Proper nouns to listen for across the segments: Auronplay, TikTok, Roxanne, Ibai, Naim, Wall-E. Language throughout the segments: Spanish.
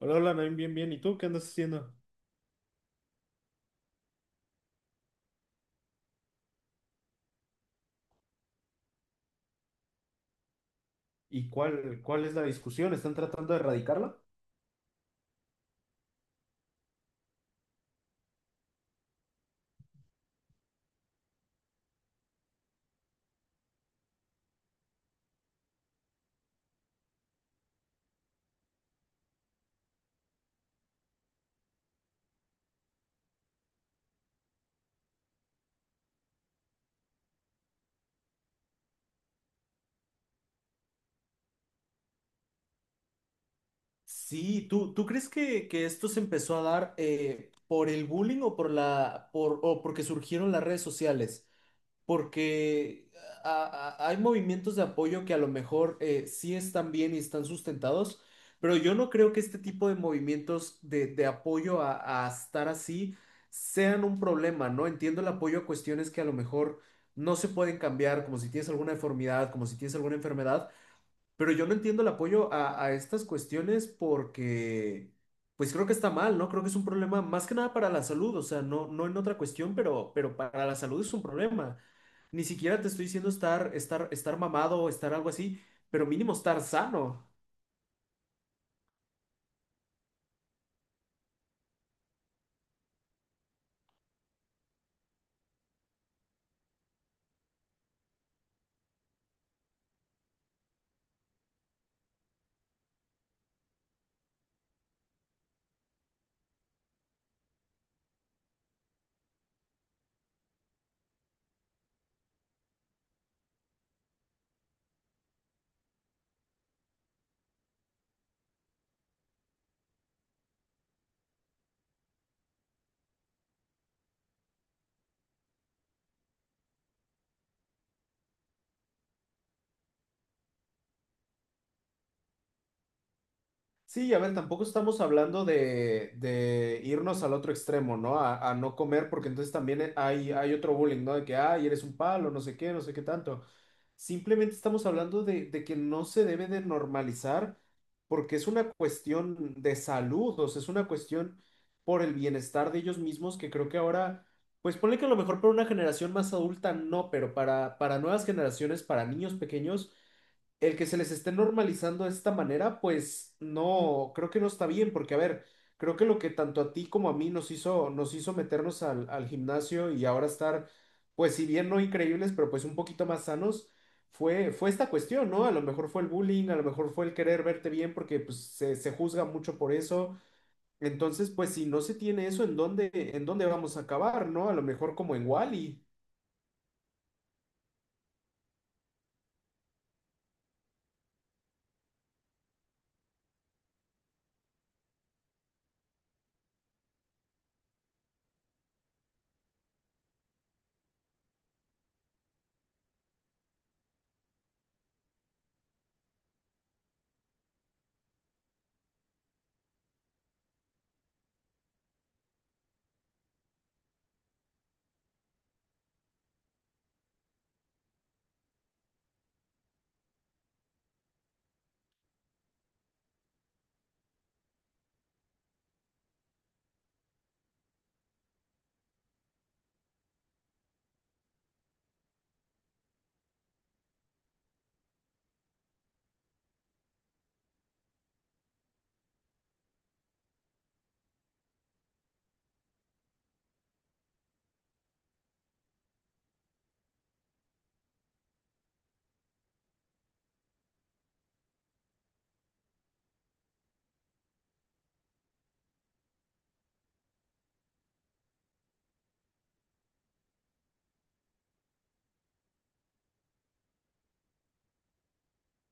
Hola, hola, Naim, bien, bien. ¿Y tú qué andas haciendo? ¿Y cuál es la discusión? ¿Están tratando de erradicarla? Sí, ¿tú crees que esto se empezó a dar por el bullying o por o porque surgieron las redes sociales? Porque hay movimientos de apoyo que a lo mejor sí están bien y están sustentados, pero yo no creo que este tipo de movimientos de apoyo a estar así sean un problema, ¿no? Entiendo el apoyo a cuestiones que a lo mejor no se pueden cambiar, como si tienes alguna deformidad, como si tienes alguna enfermedad, pero yo no entiendo el apoyo a estas cuestiones porque, pues creo que está mal, ¿no? Creo que es un problema más que nada para la salud, o sea, no en otra cuestión, pero para la salud es un problema. Ni siquiera te estoy diciendo estar mamado o estar algo así, pero mínimo estar sano. Sí, a ver, tampoco estamos hablando de irnos al otro extremo, ¿no? A no comer, porque entonces también hay otro bullying, ¿no? De que, ay, eres un palo, no sé qué, no sé qué tanto. Simplemente estamos hablando de que no se debe de normalizar porque es una cuestión de salud, o sea, es una cuestión por el bienestar de ellos mismos que creo que ahora, pues ponle que a lo mejor para una generación más adulta no, para nuevas generaciones, para niños pequeños el que se les esté normalizando de esta manera, pues no, creo que no está bien, porque a ver, creo que lo que tanto a ti como a mí nos hizo meternos al gimnasio y ahora estar, pues si bien no increíbles, pero pues un poquito más sanos, fue esta cuestión, ¿no? A lo mejor fue el bullying, a lo mejor fue el querer verte bien, porque pues se juzga mucho por eso. Entonces, pues si no se tiene eso, en dónde vamos a acabar, ¿no? A lo mejor como en Wall-E.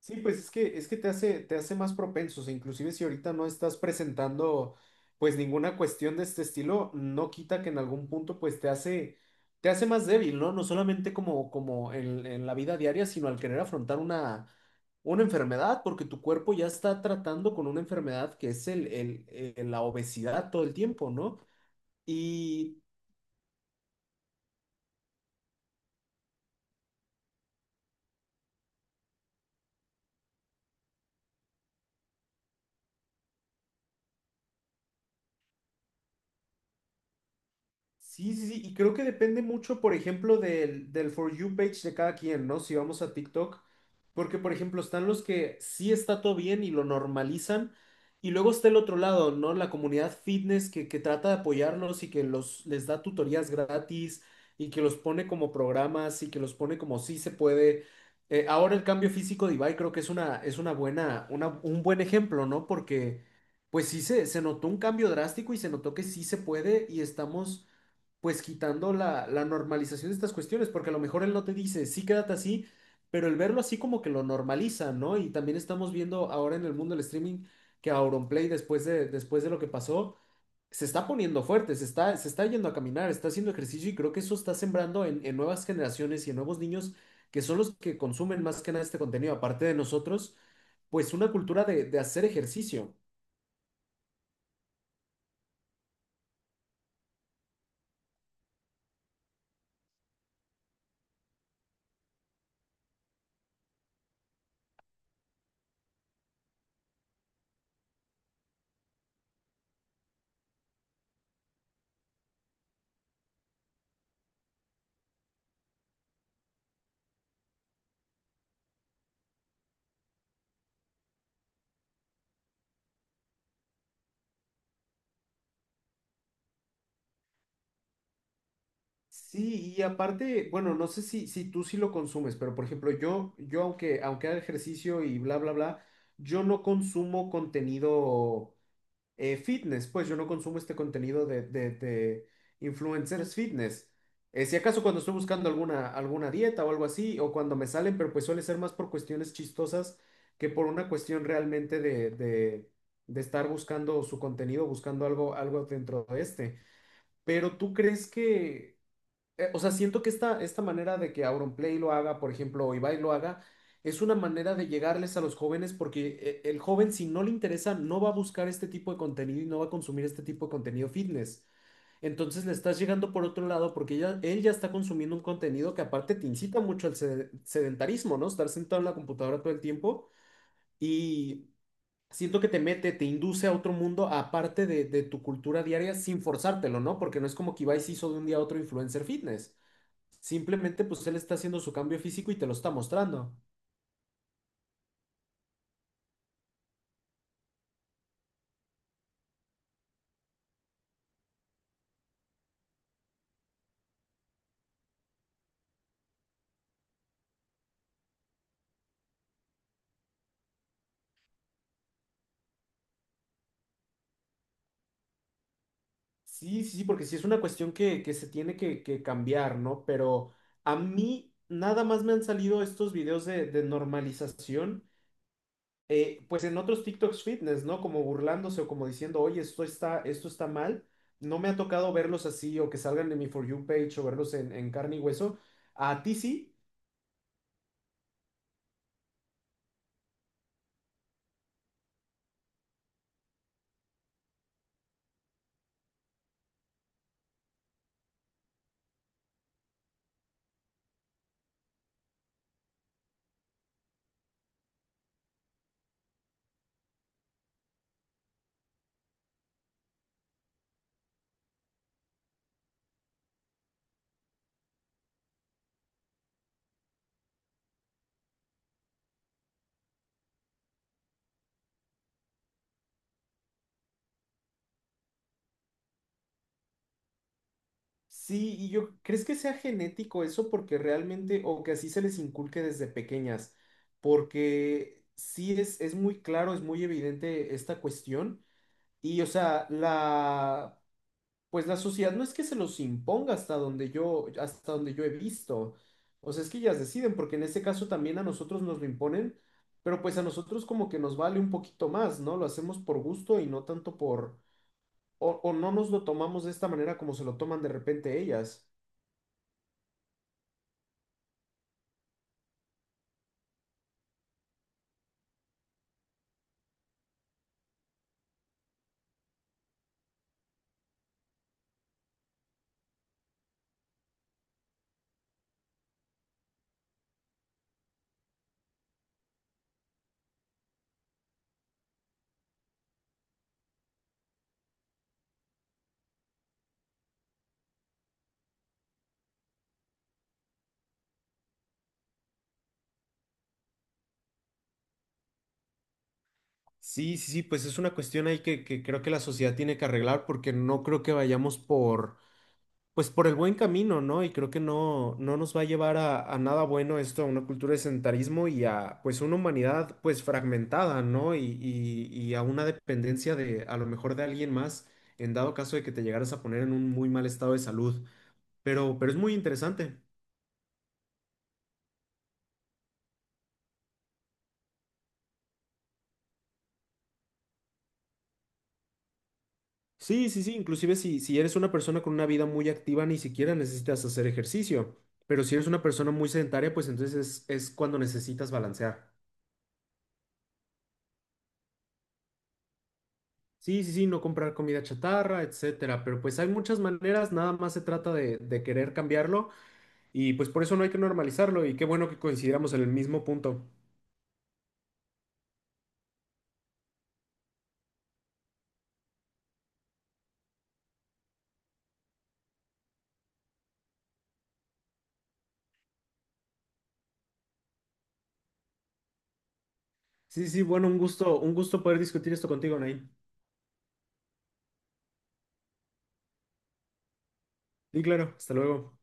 Sí, pues es que te hace más propensos, e inclusive si ahorita no estás presentando pues ninguna cuestión de este estilo, no quita que en algún punto pues te hace más débil, ¿no? No solamente como en la vida diaria, sino al querer afrontar una enfermedad, porque tu cuerpo ya está tratando con una enfermedad que es la obesidad todo el tiempo, ¿no? Y sí, sí, sí, y creo que depende mucho, por ejemplo, del For You page de cada quien, ¿no? Si vamos a TikTok, porque, por ejemplo, están los que sí está todo bien y lo normalizan, y luego está el otro lado, ¿no? La comunidad fitness que trata de apoyarlos y que los, les da tutorías gratis y que los pone como programas y que los pone como sí se puede. Ahora el cambio físico de Ibai creo que es es una buena, un buen ejemplo, ¿no? Porque, pues sí se notó un cambio drástico y se notó que sí se puede y estamos pues quitando la normalización de estas cuestiones, porque a lo mejor él no te dice, sí, quédate así, pero el verlo así como que lo normaliza, ¿no? Y también estamos viendo ahora en el mundo del streaming que Auronplay, después de lo que pasó, se está poniendo fuerte, se está yendo a caminar, está haciendo ejercicio y creo que eso está sembrando en nuevas generaciones y en nuevos niños que son los que consumen más que nada este contenido, aparte de nosotros, pues una cultura de hacer ejercicio. Sí, y aparte, bueno, no sé si tú sí lo consumes, pero por ejemplo, yo aunque haga ejercicio y bla, bla, bla, yo no consumo contenido fitness, pues yo no consumo este contenido de influencers fitness. Si acaso cuando estoy buscando alguna dieta o algo así, o cuando me salen, pero pues suele ser más por cuestiones chistosas que por una cuestión realmente de estar buscando su contenido, buscando algo, algo dentro de este. Pero ¿tú crees que o sea, siento que esta manera de que Auronplay lo haga, por ejemplo, o Ibai lo haga, es una manera de llegarles a los jóvenes porque el joven, si no le interesa, no va a buscar este tipo de contenido y no va a consumir este tipo de contenido fitness. Entonces le estás llegando por otro lado porque ya, él ya está consumiendo un contenido que aparte te incita mucho al sedentarismo, ¿no? Estar sentado en la computadora todo el tiempo y siento que te mete, te induce a otro mundo aparte de tu cultura diaria sin forzártelo, ¿no? Porque no es como que Ibai se hizo de un día a otro influencer fitness. Simplemente, pues él está haciendo su cambio físico y te lo está mostrando. Sí, sí, sí, porque sí es una cuestión que se tiene que cambiar, ¿no? Pero a mí nada más me han salido estos videos de normalización, pues en otros TikToks fitness, ¿no? Como burlándose o como diciendo, oye, esto está mal. No me ha tocado verlos así o que salgan de mi For You page o verlos en carne y hueso. A ti sí. Sí, y yo, ¿crees que sea genético eso? Porque realmente, o que así se les inculque desde pequeñas, porque sí es muy claro, es muy evidente esta cuestión, y o sea, la, pues la sociedad no es que se los imponga hasta donde yo he visto, o sea, es que ellas deciden, porque en este caso también a nosotros nos lo imponen, pero pues a nosotros como que nos vale un poquito más, ¿no? Lo hacemos por gusto y no tanto por, o no nos lo tomamos de esta manera como se lo toman de repente ellas. Sí, sí, sí, pues es una cuestión ahí que creo que la sociedad tiene que arreglar porque no creo que vayamos por, pues por el buen camino, ¿no? Y creo que no, no nos va a llevar a nada bueno esto, a una cultura de sedentarismo y a, pues, una humanidad, pues, fragmentada, ¿no? Y a una dependencia de, a lo mejor, de alguien más, en dado caso de que te llegaras a poner en un muy mal estado de salud. Pero es muy interesante. Sí, sí, sí, inclusive si eres una persona con una vida muy activa, ni siquiera necesitas hacer ejercicio, pero si eres una persona muy sedentaria, pues entonces es cuando necesitas balancear. Sí, sí, sí, no comprar comida chatarra, etcétera, pero pues hay muchas maneras, nada más se trata de querer cambiarlo y pues por eso no hay que normalizarlo y qué bueno que coincidamos en el mismo punto. Sí, sí, sí, bueno, un gusto poder discutir esto contigo, Nain. Y claro, hasta luego.